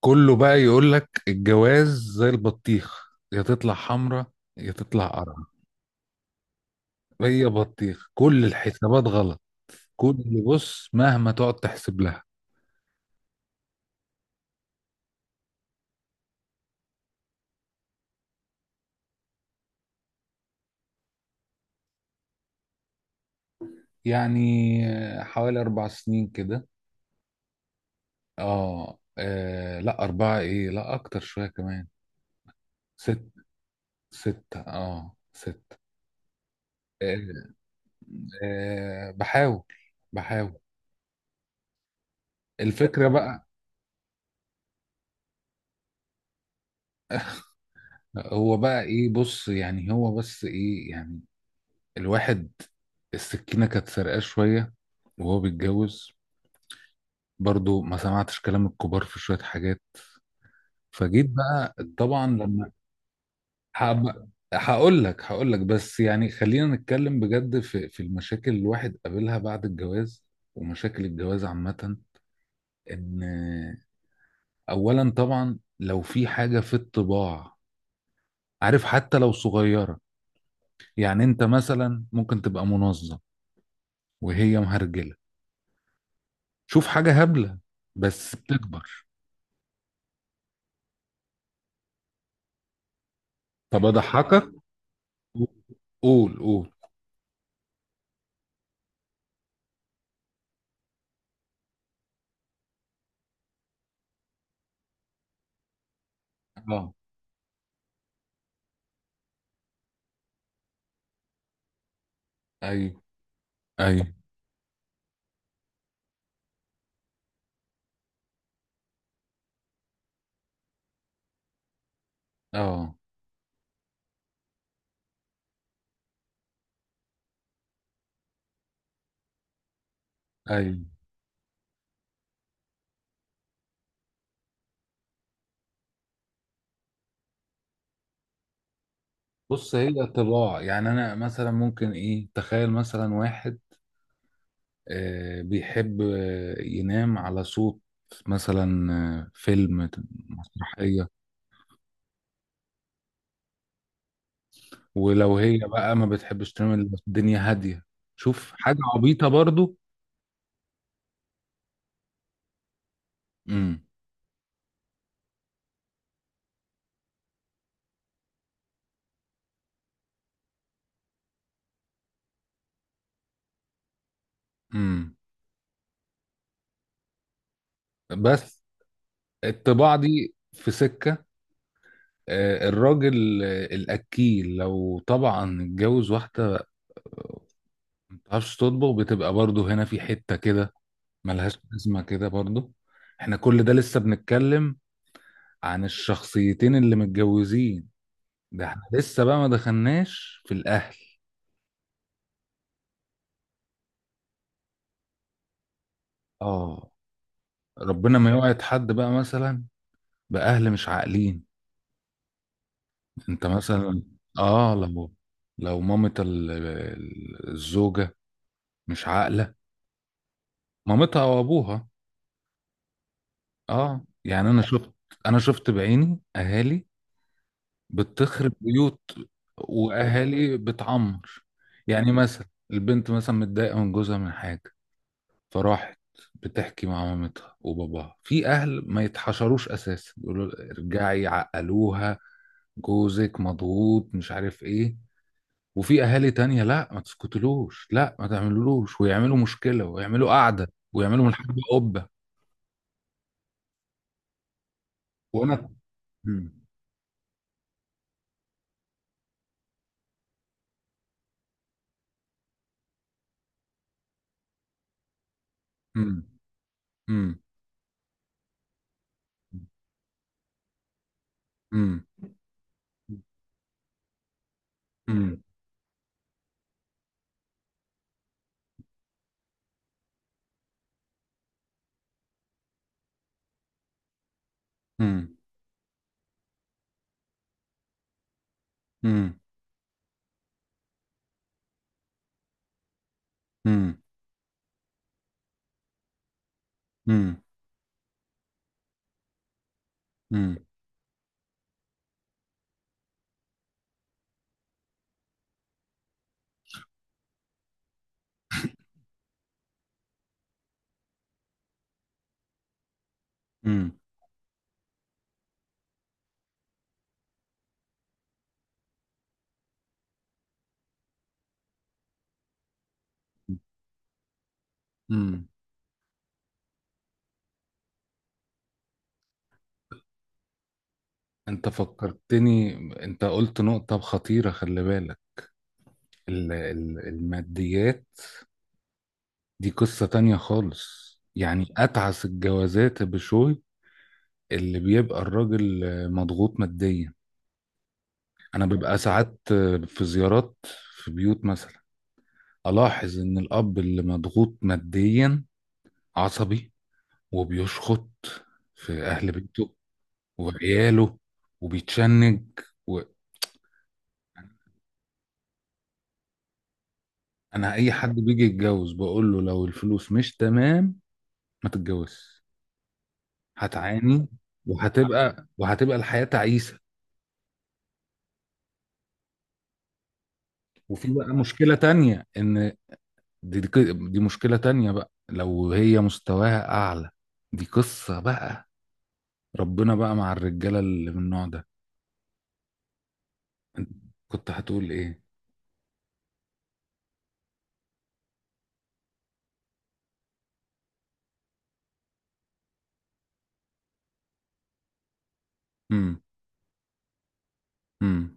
كله بقى يقول لك الجواز زي البطيخ، يا تطلع حمرا يا تطلع قرعة. هي بطيخ، كل الحسابات غلط. كل بص مهما تقعد تحسب لها. يعني حوالي 4 سنين كده. لا، 4، إيه، لا أكتر شوية كمان. 6، 6، ستة. آه. بحاول، بحاول. الفكرة بقى. هو بس إيه يعني، الواحد. السكينة كانت سرقاه شوية وهو بيتجوز، برضو ما سمعتش كلام الكبار في شوية حاجات، فجيت بقى طبعا لما... هقول لك، بس يعني خلينا نتكلم بجد في المشاكل اللي الواحد قابلها بعد الجواز، ومشاكل الجواز عامة. ان اولا طبعا لو في حاجة في الطباع، عارف، حتى لو صغيرة، يعني انت مثلا ممكن تبقى منظم وهي مهرجلة، شوف حاجة هبلة، بس بتكبر. طب اضحكك. قول، قول. اه، ايوه، ايوه، اه، ايوه. بص، هي طباع، يعني انا مثلا ممكن ايه، تخيل مثلا واحد بيحب ينام على صوت، مثلا فيلم، مسرحية. ولو هي بقى ما بتحبش تنام إلا الدنيا هادية، شوف حاجة عبيطة برضو. امم. امم. بس الطباع دي في سكة. الراجل، الأكيل لو طبعا اتجوز واحدة ما بتعرفش تطبخ، بتبقى برضو هنا في حتة كده، ملهاش لازمة كده برضو. احنا كل ده لسه بنتكلم عن الشخصيتين اللي متجوزين، ده احنا لسه بقى ما دخلناش في الأهل. اه، ربنا ما يوعد حد بقى مثلا بأهل مش عاقلين. انت مثلا، اه، لو مامة الزوجة مش عاقلة، مامتها او ابوها. اه، يعني انا شفت، انا شفت بعيني اهالي بتخرب بيوت واهالي بتعمر. يعني مثلا البنت مثلا متضايقه من جوزها من حاجه، فراحت بتحكي مع مامتها وباباها، في اهل ما يتحشروش اساسا يقولوا ارجعي، عقلوها، جوزك مضغوط مش عارف ايه. وفي اهالي تانية، لا ما تسكتلوش، لا ما تعملولوش، ويعملوا مشكله ويعملوا قعده ويعملوا من الحرب قبه. وانا. مم. مم. مم. مم. مم. مم. مم. مم. مم. امم. امم. انت فكرتني، انت قلت نقطة خطيرة، خلي بالك. الماديات دي قصة تانية خالص، يعني اتعس الجوازات بشوي اللي بيبقى الراجل مضغوط ماديا. انا ببقى ساعات في زيارات، في بيوت مثلا الاحظ ان الاب اللي مضغوط ماديا عصبي وبيشخط في اهل بيته وعياله وبيتشنج. انا، اي حد بيجي يتجوز بقول له، لو الفلوس مش تمام ما تتجوزش، هتعاني، وهتبقى الحياة تعيسة. وفي بقى مشكلة تانية، ان دي مشكلة تانية بقى لو هي مستواها اعلى، دي قصة بقى، ربنا بقى مع الرجالة اللي من النوع ده. انت كنت هتقول ايه؟ امم. امم.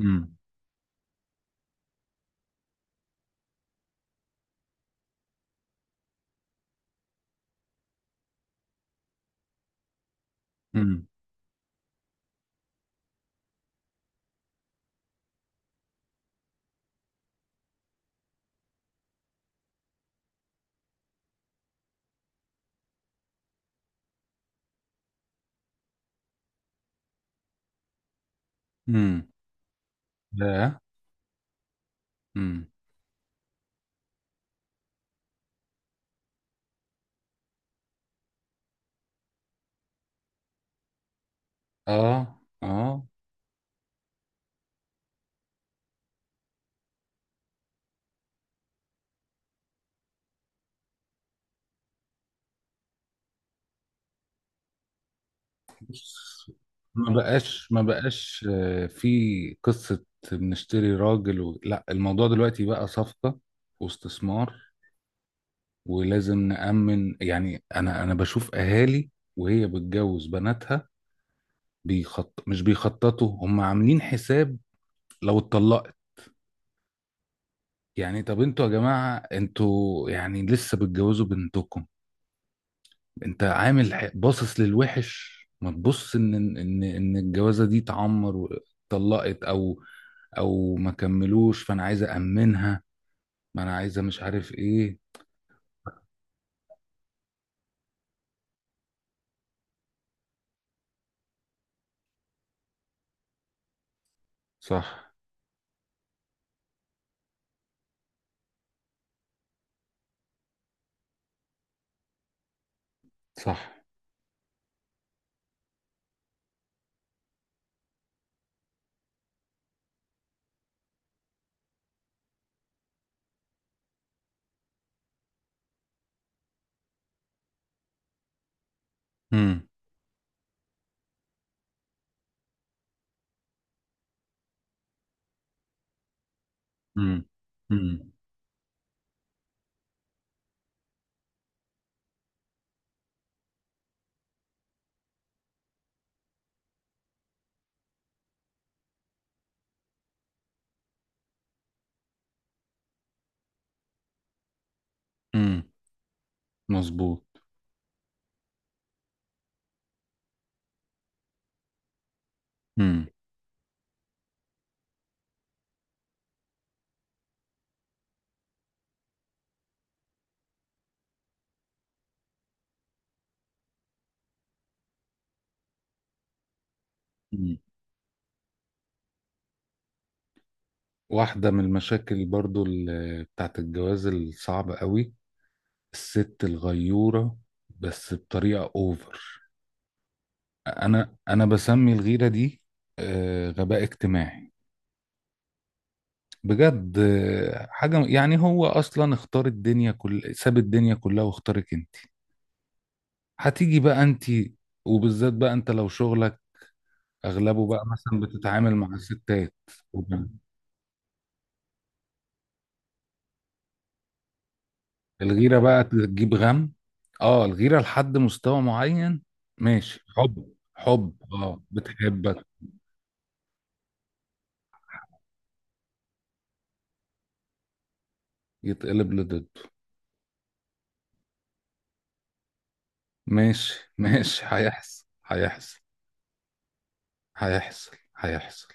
امم. امم. امم. لا. امم. اه. اه. بص، ما بقاش، في قصة بنشتري راجل و... لا، الموضوع دلوقتي بقى صفقة، واستثمار، ولازم نأمن. يعني أنا بشوف أهالي وهي بتجوز بناتها، بيخط... مش بيخططوا، هم عاملين حساب لو اتطلقت. يعني طب انتوا يا جماعة، انتوا يعني لسه بتجوزوا بنتكم، انت عامل باصص للوحش، ما تبص ان الجوازه دي اتعمر واتطلقت، او او ما كملوش، فانا عايز امنها، ما انا عايزه مش عارف ايه. صح. صح. امم. امم. امم. امم. مظبوط. امم. امم. واحده من المشاكل برضو بتاعت الجواز الصعبه قوي، الست الغيوره بس بطريقه اوفر. انا بسمي الغيره دي غباء اجتماعي. بجد حاجة يعني، هو أصلا اختار الدنيا كل، ساب الدنيا كلها واختارك أنت، هتيجي بقى أنت، وبالذات بقى أنت لو شغلك أغلبه بقى مثلا بتتعامل مع الستات. الغيرة بقى تجيب غم. اه الغيرة لحد مستوى معين ماشي، حب، حب، اه، بتحبك. يتقلب لضده. ماشي، ماشي، هيحصل، هيحصل. هيحصل، هيحصل.